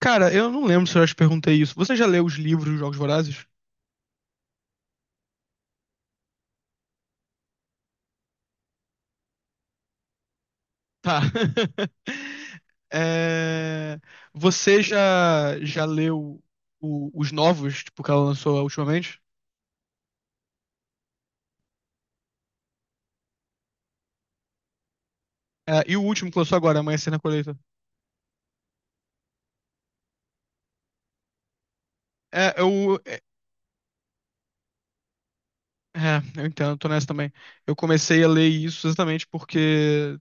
Cara, eu não lembro se eu já te perguntei isso. Você já leu os livros dos Jogos Vorazes? Tá. É, você já, leu os novos, tipo, que ela lançou ultimamente? É, e o último que lançou agora, Amanhecer na Colheita? É, eu. É, é, eu entendo, tô nessa também. Eu comecei a ler isso exatamente porque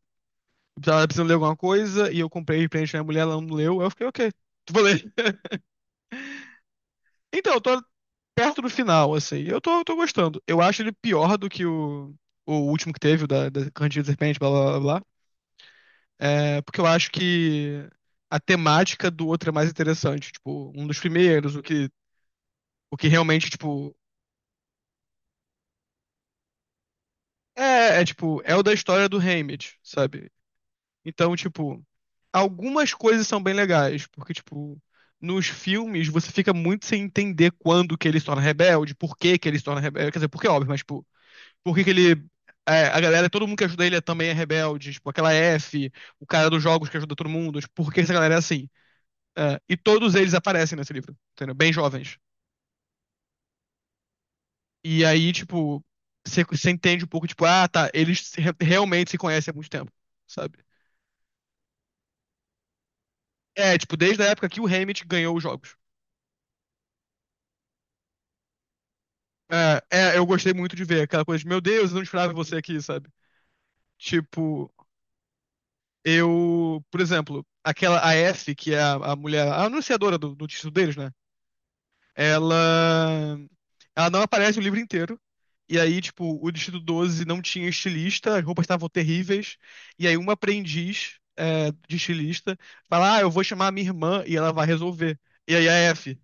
eu tava precisando ler alguma coisa e eu comprei de presente pra minha mulher, ela não leu. Aí eu fiquei, ok, vou ler. Então, eu tô perto do final, assim. Eu tô gostando. Eu acho ele pior do que o último que teve, o da Candida de Serpente, blá blá blá, blá. É, porque eu acho que a temática do outro é mais interessante. Tipo, um dos primeiros, o que realmente, tipo. É, é tipo, é o da história do Haymitch, sabe? Então, tipo, algumas coisas são bem legais, porque, tipo, nos filmes você fica muito sem entender quando que ele se torna rebelde, por que que ele se torna rebelde. Quer dizer, porque é óbvio, mas, tipo, por que que ele. É, a galera, todo mundo que ajuda ele também é rebelde, tipo, aquela F, o cara dos jogos que ajuda todo mundo, tipo, por que essa galera é assim? É, e todos eles aparecem nesse livro, entendeu? Bem jovens. E aí, tipo, você entende um pouco, tipo, ah, tá, eles realmente se conhecem há muito tempo, sabe? É, tipo, desde a época que o Hammett ganhou os jogos. É, é, eu gostei muito de ver aquela coisa de, meu Deus, eu não esperava você aqui, sabe? Tipo, eu, por exemplo, aquela, a F, que é a mulher, a anunciadora do título deles, né? ela ela não aparece o livro inteiro. E aí, tipo, o Distrito 12 não tinha estilista, as roupas estavam terríveis. E aí, uma aprendiz é, de estilista fala: "Ah, eu vou chamar a minha irmã e ela vai resolver." E aí, a F.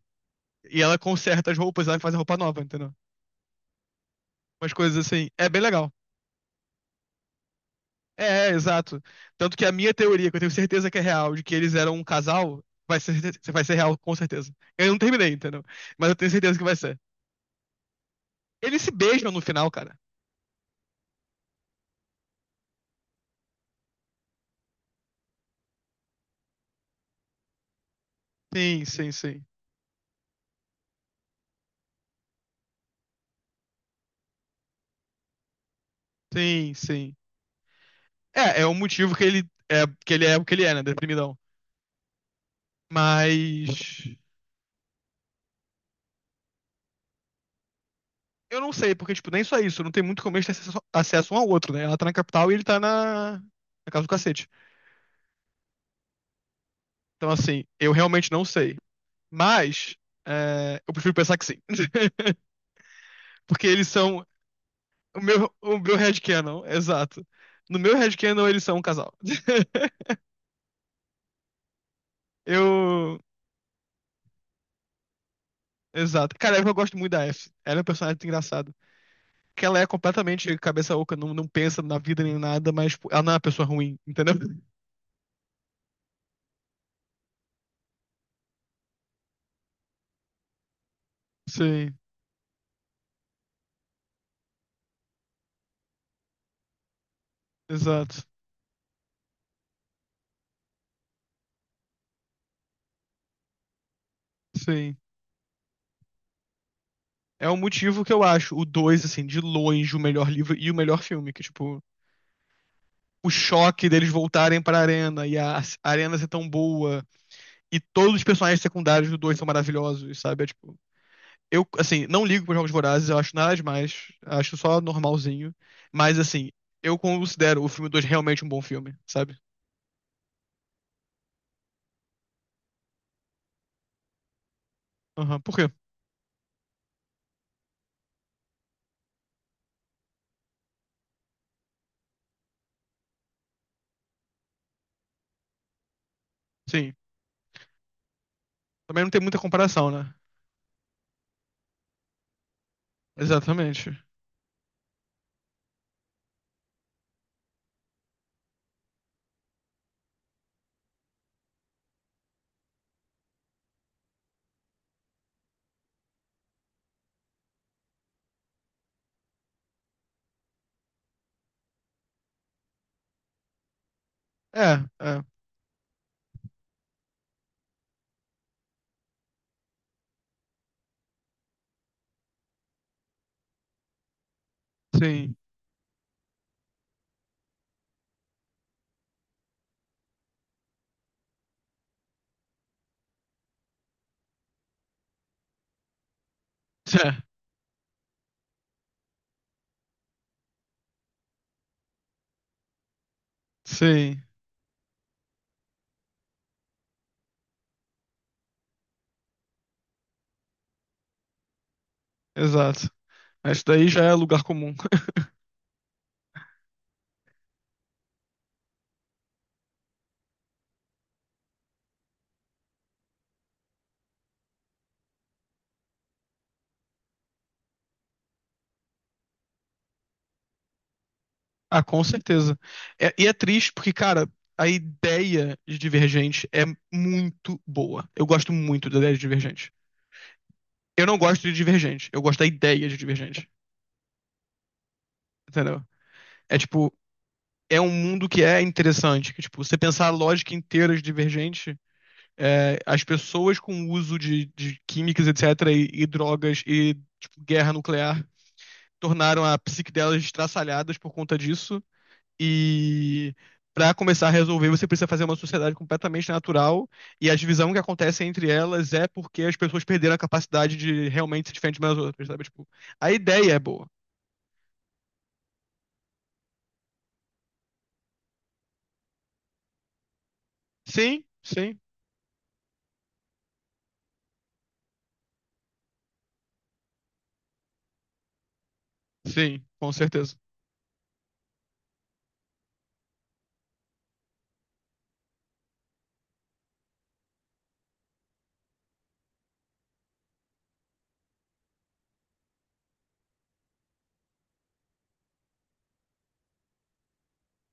E ela conserta as roupas, ela faz a roupa nova, entendeu? Umas coisas assim. É bem legal. É, é, exato. Tanto que a minha teoria, que eu tenho certeza que é real, de que eles eram um casal, vai ser real, com certeza. Eu não terminei, entendeu? Mas eu tenho certeza que vai ser. Eles se beijam no final, cara. Sim, sim, sim. Sim, sim. É, é o motivo que ele é o que ele é, né? Deprimidão. Mas eu não sei, porque, tipo, nem só isso, não tem muito como eles terem acesso, acesso um ao outro, né? Ela tá na capital e ele tá na casa do cacete. Então, assim, eu realmente não sei. Mas é, eu prefiro pensar que sim. Porque eles são. O meu headcanon, exato. No meu headcanon, eles são um casal. Eu. Exato. Cara, eu gosto muito da F. Ela é um personagem engraçado. Que ela é completamente cabeça oca, não, não pensa na vida nem nada, mas tipo, ela não é uma pessoa ruim, entendeu? Sim, exato. Sim. É o motivo que eu acho o 2 assim, de longe, o melhor livro e o melhor filme, que, tipo, o choque deles voltarem pra arena e a arena ser tão boa e todos os personagens secundários do 2 são maravilhosos, sabe? É tipo, eu, assim, não ligo pros Jogos Vorazes, eu acho nada demais, acho só normalzinho, mas, assim, eu considero o filme 2 realmente um bom filme, sabe? Aham, por quê? Sim. Também não tem muita comparação, né? Exatamente. É, é, sim. É, sim, exato. Mas isso daí já é lugar comum. Ah, com certeza. E é triste porque, cara, a ideia de Divergente é muito boa. Eu gosto muito da ideia de Divergente. Eu não gosto de Divergente, eu gosto da ideia de Divergente. Entendeu? É tipo, é um mundo que é interessante, que tipo, você pensar a lógica inteira de Divergente, é, as pessoas com o uso de químicas, etc, e drogas e tipo, guerra nuclear tornaram a psique delas estraçalhadas por conta disso e para começar a resolver, você precisa fazer uma sociedade completamente natural e a divisão que acontece entre elas é porque as pessoas perderam a capacidade de realmente se diferenciar umas das outras, sabe? Tipo, a ideia é boa. Sim, sim, sim, com certeza.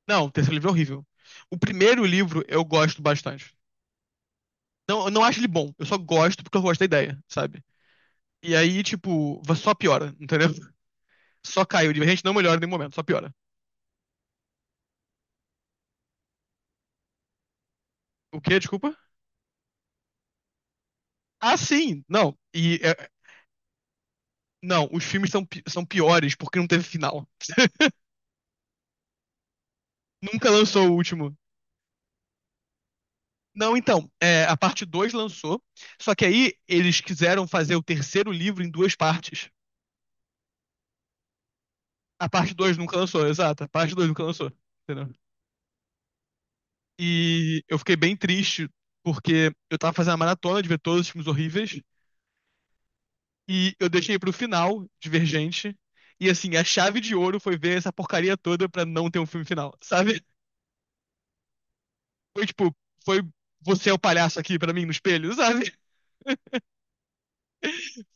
Não, o terceiro livro é horrível. O primeiro livro eu gosto bastante. Não, eu não acho ele bom, eu só gosto porque eu gosto da ideia, sabe? E aí, tipo, só piora, entendeu? Só caiu. A gente não melhora em nenhum momento, só piora. O quê? Desculpa? Ah, sim! Não. E é, não, os filmes são são piores porque não teve final. Nunca lançou o último. Não, então, é, a parte 2 lançou, só que aí eles quiseram fazer o terceiro livro em duas partes. A parte 2 nunca lançou, exato. A parte 2 nunca lançou, entendeu? E eu fiquei bem triste, porque eu tava fazendo a maratona de ver todos os filmes horríveis. E eu deixei pro final, Divergente. E assim, a chave de ouro foi ver essa porcaria toda pra não ter um filme final, sabe? Foi tipo, foi você é o palhaço aqui pra mim no espelho, sabe?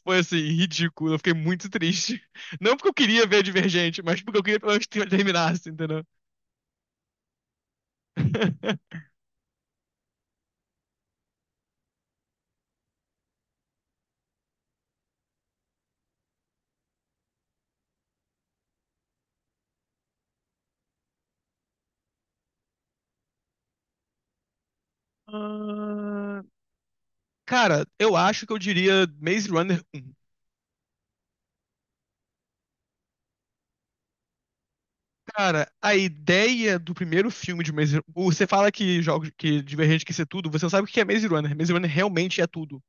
Foi assim, ridículo. Eu fiquei muito triste. Não porque eu queria ver Divergente, mas porque eu queria pelo menos que terminasse, entendeu? Ah, cara, eu acho que eu diria Maze Runner um. Cara, a ideia do primeiro filme de Você fala que jogos que Divergente quer ser tudo, você não sabe o que é Maze Runner. Maze Runner realmente é tudo.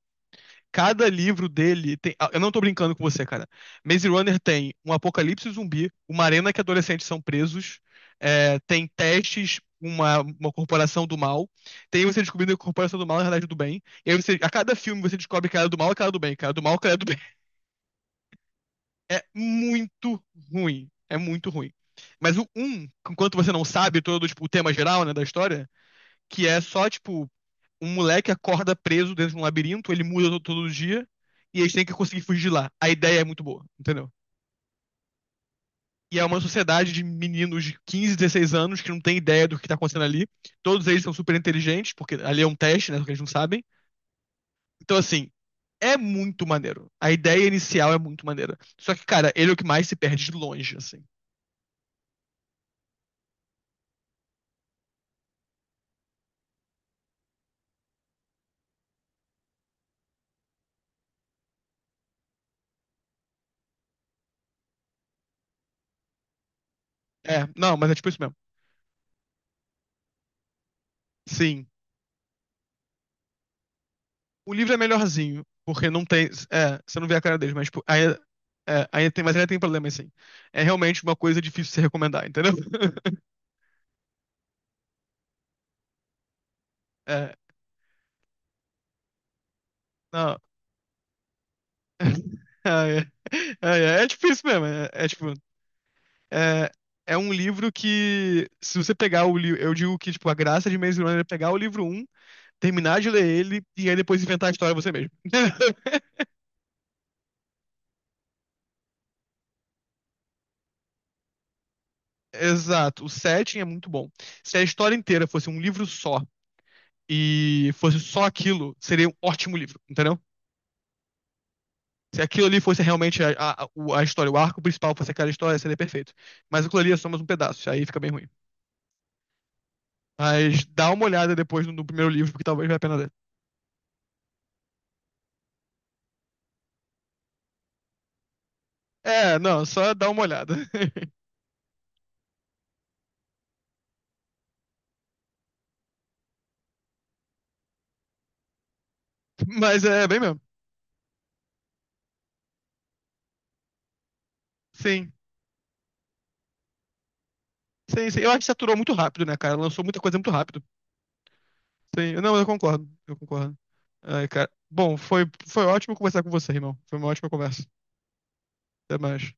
Cada livro dele tem. Ah, eu não tô brincando com você, cara. Maze Runner tem um apocalipse zumbi, uma arena que adolescentes são presos, é, tem testes, uma corporação do mal. Tem você descobrindo que a corporação do mal é a realidade do bem. E aí você, a cada filme você descobre que ela é do mal, que ela é do bem, que ela é do mal, que ela é do é muito ruim. É muito ruim. Mas o um, enquanto você não sabe todo tipo, o tema geral, né, da história, que é só, tipo, um moleque acorda preso dentro de um labirinto, ele muda todo dia, e eles têm que conseguir fugir de lá. A ideia é muito boa, entendeu? E é uma sociedade de meninos de 15, 16 anos que não tem ideia do que tá acontecendo ali. Todos eles são super inteligentes, porque ali é um teste, né, porque eles não sabem. Então, assim, é muito maneiro. A ideia inicial é muito maneira. Só que, cara, ele é o que mais se perde de longe, assim. É, não, mas é tipo isso mesmo. Sim. O livro é melhorzinho, porque não tem. É, você não vê a cara deles, mas tipo, aí, é, aí tem, mas ainda tem problema sim. É realmente uma coisa difícil de se recomendar, entendeu? É, não. É, é, ah, é, é tipo isso mesmo. É, é tipo. É, é um livro que, se você pegar o livro. Eu digo que, tipo, a graça de Maze Runner é pegar o livro um, terminar de ler ele e aí depois inventar a história você mesmo. Exato. O setting é muito bom. Se a história inteira fosse um livro só e fosse só aquilo, seria um ótimo livro, entendeu? Se aquilo ali fosse realmente a história, o arco principal fosse aquela história, seria perfeito. Mas aquilo ali é só mais um pedaço, aí fica bem ruim. Mas dá uma olhada depois no primeiro livro, porque talvez valha a pena ler. É, não, só dá uma olhada. Mas é bem mesmo. Sim, sim, sim. Eu acho que saturou muito rápido, né, cara? Lançou muita coisa muito rápido. Sim, não, eu concordo, eu concordo. Ai, cara. Bom, foi, foi ótimo conversar com você, irmão. Foi uma ótima conversa. Até mais.